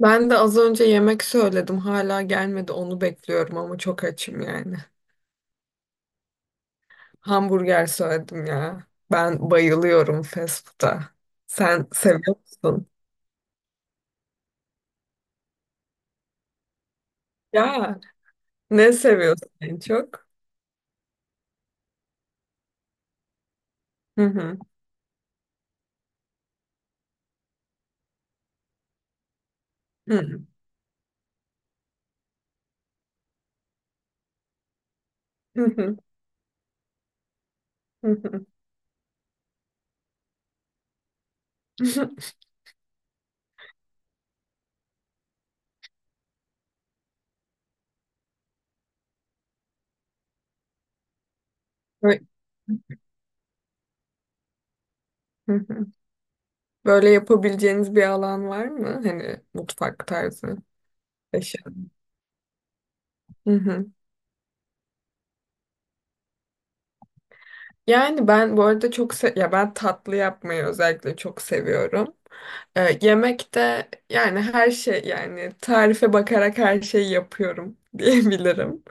Ben de az önce yemek söyledim. Hala gelmedi. Onu bekliyorum ama çok açım yani. Hamburger söyledim ya. Ben bayılıyorum fast food'a. Sen seviyor musun? Ya ne seviyorsun en çok? Hı hı. Hı hı. Hı hı. Bö- hı hı. Böyle yapabileceğiniz bir alan var mı? Hani mutfak tarzı. Eşya. Hı hı. Yani ben bu arada çok se ya ben tatlı yapmayı özellikle çok seviyorum. Yemekte yani her şey yani tarife bakarak her şeyi yapıyorum diyebilirim.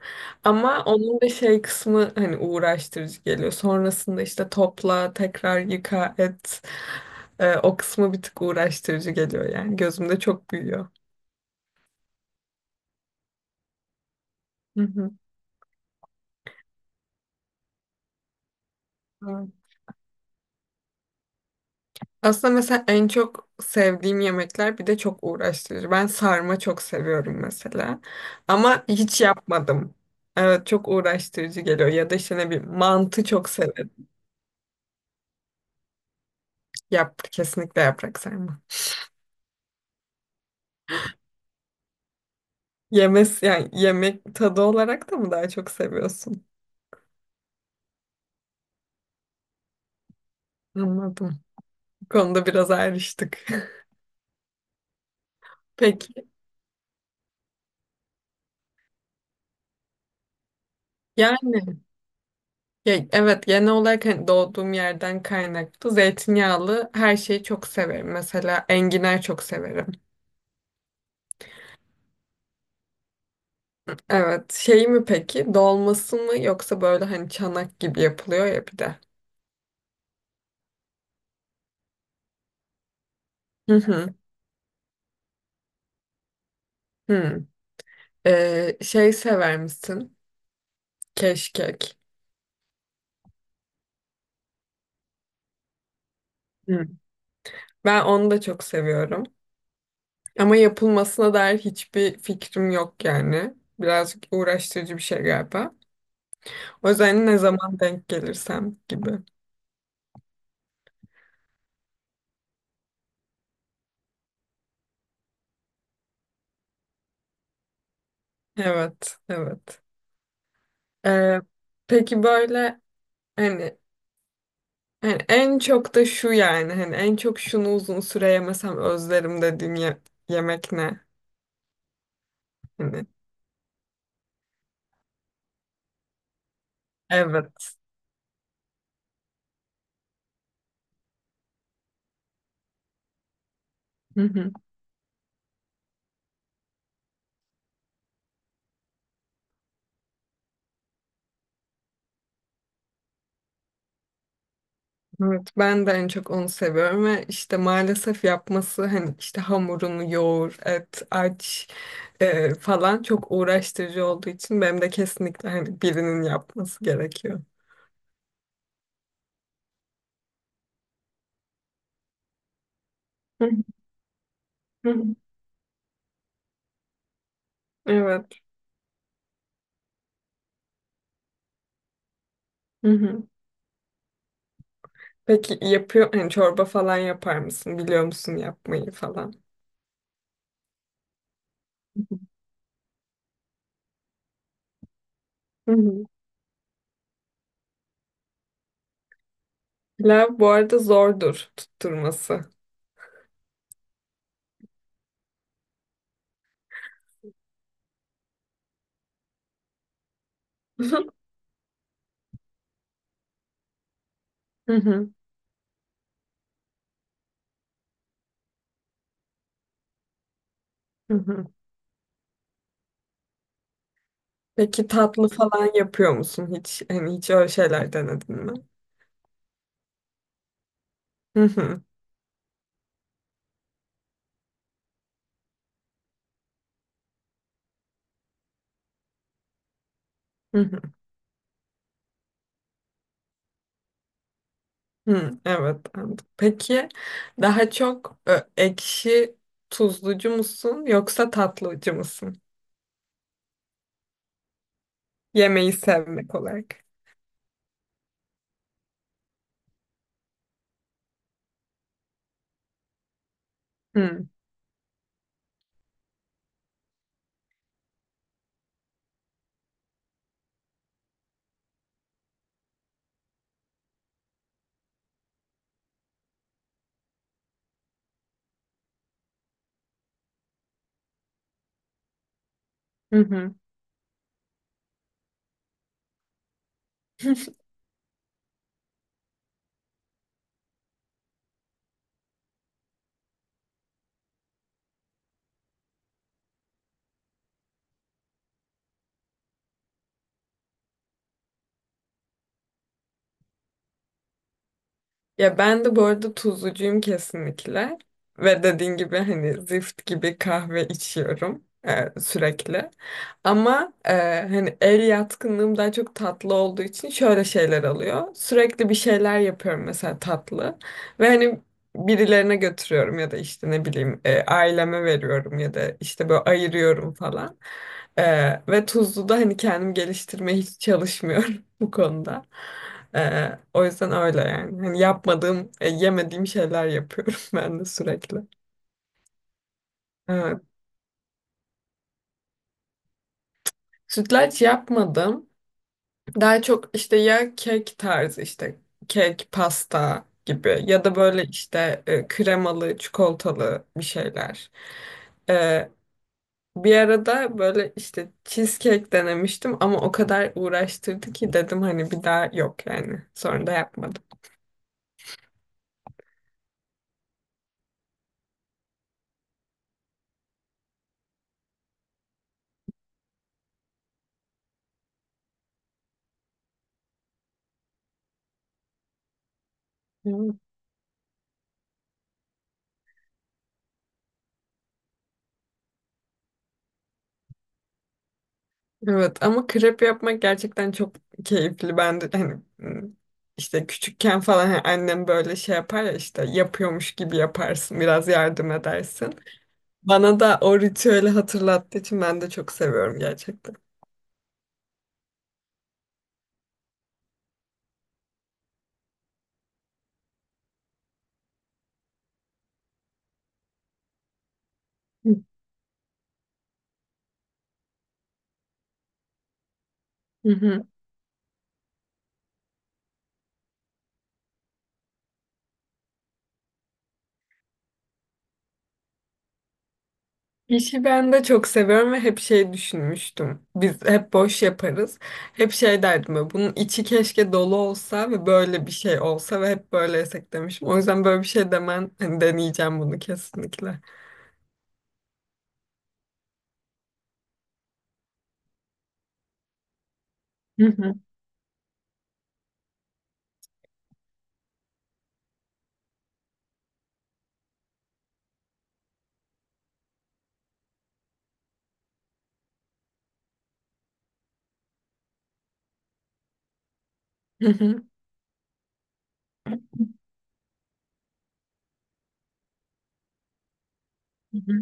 Ama onun da şey kısmı hani uğraştırıcı geliyor. Sonrasında işte topla, tekrar yıka, et. O kısmı bir tık uğraştırıcı geliyor yani. Gözümde çok büyüyor. Hı hı. Aslında mesela en çok sevdiğim yemekler bir de çok uğraştırıcı. Ben sarma çok seviyorum mesela. Ama hiç yapmadım. Evet çok uğraştırıcı geliyor. Ya da işte ne bileyim mantı çok severim. Kesinlikle yaprak sarma. Yani yemek tadı olarak da mı daha çok seviyorsun? Anladım. Bu konuda biraz ayrıştık. Peki. Yani ya, evet genel olarak hani doğduğum yerden kaynaklı zeytinyağlı her şeyi çok severim. Mesela enginar çok severim. Evet. Şey mi peki? Dolması mı yoksa böyle hani çanak gibi yapılıyor ya bir de. Hı hı. Hı. Şey sever misin? Keşkek. Hı. Ben onu da çok seviyorum. Ama yapılmasına dair hiçbir fikrim yok yani. Birazcık uğraştırıcı bir şey galiba. O yüzden ne zaman denk gelirsem gibi. Evet, evet. Ee, peki böyle hani Yani en çok da şu yani hani en çok şunu uzun süre yemesem özlerim dediğim yemek ne? Hani evet. Hı hı. Evet ben de en çok onu seviyorum ve işte maalesef yapması hani işte hamurunu yoğur, et, aç falan çok uğraştırıcı olduğu için benim de kesinlikle hani birinin yapması gerekiyor. Hı hı. Hı hı. Evet. Hı hı. Peki yapıyor hani çorba falan yapar mısın? Biliyor musun yapmayı falan? Hı hı. Pilav bu arada zordur tutturması. Hı hı, hı hı. Peki tatlı falan yapıyor musun hiç? Hani hiç öyle şeyler denedin mi? Hı hı, hı hı, hı. Evet. Anladım. Peki daha çok ekşi tuzlucu musun yoksa tatlıcı mısın? Yemeği sevmek olarak. Hı hı, hı. Ya ben de bu arada tuzlucuyum kesinlikle. Ve dediğin gibi hani zift gibi kahve içiyorum sürekli. Ama hani el yatkınlığım daha çok tatlı olduğu için şöyle şeyler alıyor. Sürekli bir şeyler yapıyorum mesela tatlı. Ve hani birilerine götürüyorum ya da işte ne bileyim aileme veriyorum ya da işte böyle ayırıyorum falan. E, Ve tuzluda hani kendim geliştirmeye hiç çalışmıyorum bu konuda. O yüzden öyle yani. Hani yapmadığım, yemediğim şeyler yapıyorum ben de sürekli. Evet. Sütlaç yapmadım. Daha çok işte ya kek tarzı işte kek, pasta gibi ya da böyle işte kremalı, çikolatalı bir şeyler. Ee, Bir arada böyle işte cheesecake denemiştim ama o kadar uğraştırdı ki dedim hani bir daha yok yani. Sonra da yapmadım. Evet. Evet, ama krep yapmak gerçekten çok keyifli. Ben de hani işte küçükken falan hani annem böyle şey yapar ya işte yapıyormuş gibi yaparsın biraz yardım edersin. Bana da o ritüeli hatırlattığı için ben de çok seviyorum gerçekten. Hı hı. İşi ben de çok seviyorum ve hep şey düşünmüştüm. Biz hep boş yaparız. Hep şey derdim böyle, bunun içi keşke dolu olsa ve böyle bir şey olsa ve hep böyle yesek demişim. O yüzden böyle bir şey demen, hani deneyeceğim bunu kesinlikle. Hı hı, hı hı, hı hı,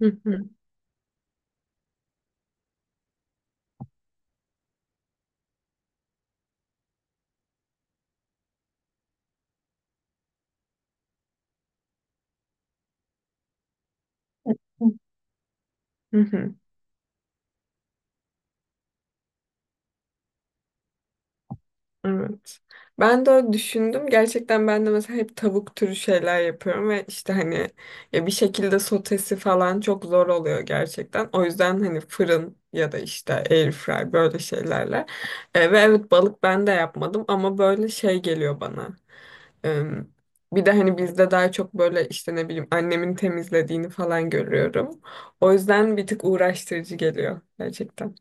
hı hı, hı hı. Evet. Ben de öyle düşündüm. Gerçekten ben de mesela hep tavuk türü şeyler yapıyorum ve işte hani ya bir şekilde sotesi falan çok zor oluyor gerçekten. O yüzden hani fırın ya da işte air fry böyle şeylerle. Ve evet balık ben de yapmadım ama böyle şey geliyor bana. E, Bir de hani bizde daha çok böyle işte ne bileyim annemin temizlediğini falan görüyorum. O yüzden bir tık uğraştırıcı geliyor gerçekten.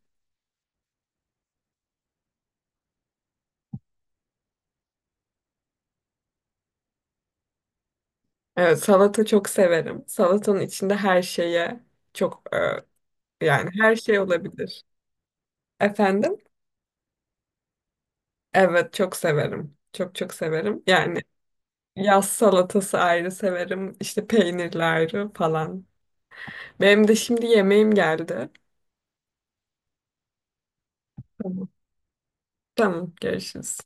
Evet, salata çok severim. Salatanın içinde her şeye çok yani her şey olabilir. Efendim? Evet çok severim. Çok çok severim. Yani yaz salatası ayrı severim. İşte peynirli ayrı falan. Benim de şimdi yemeğim geldi. Tamam. Tamam görüşürüz.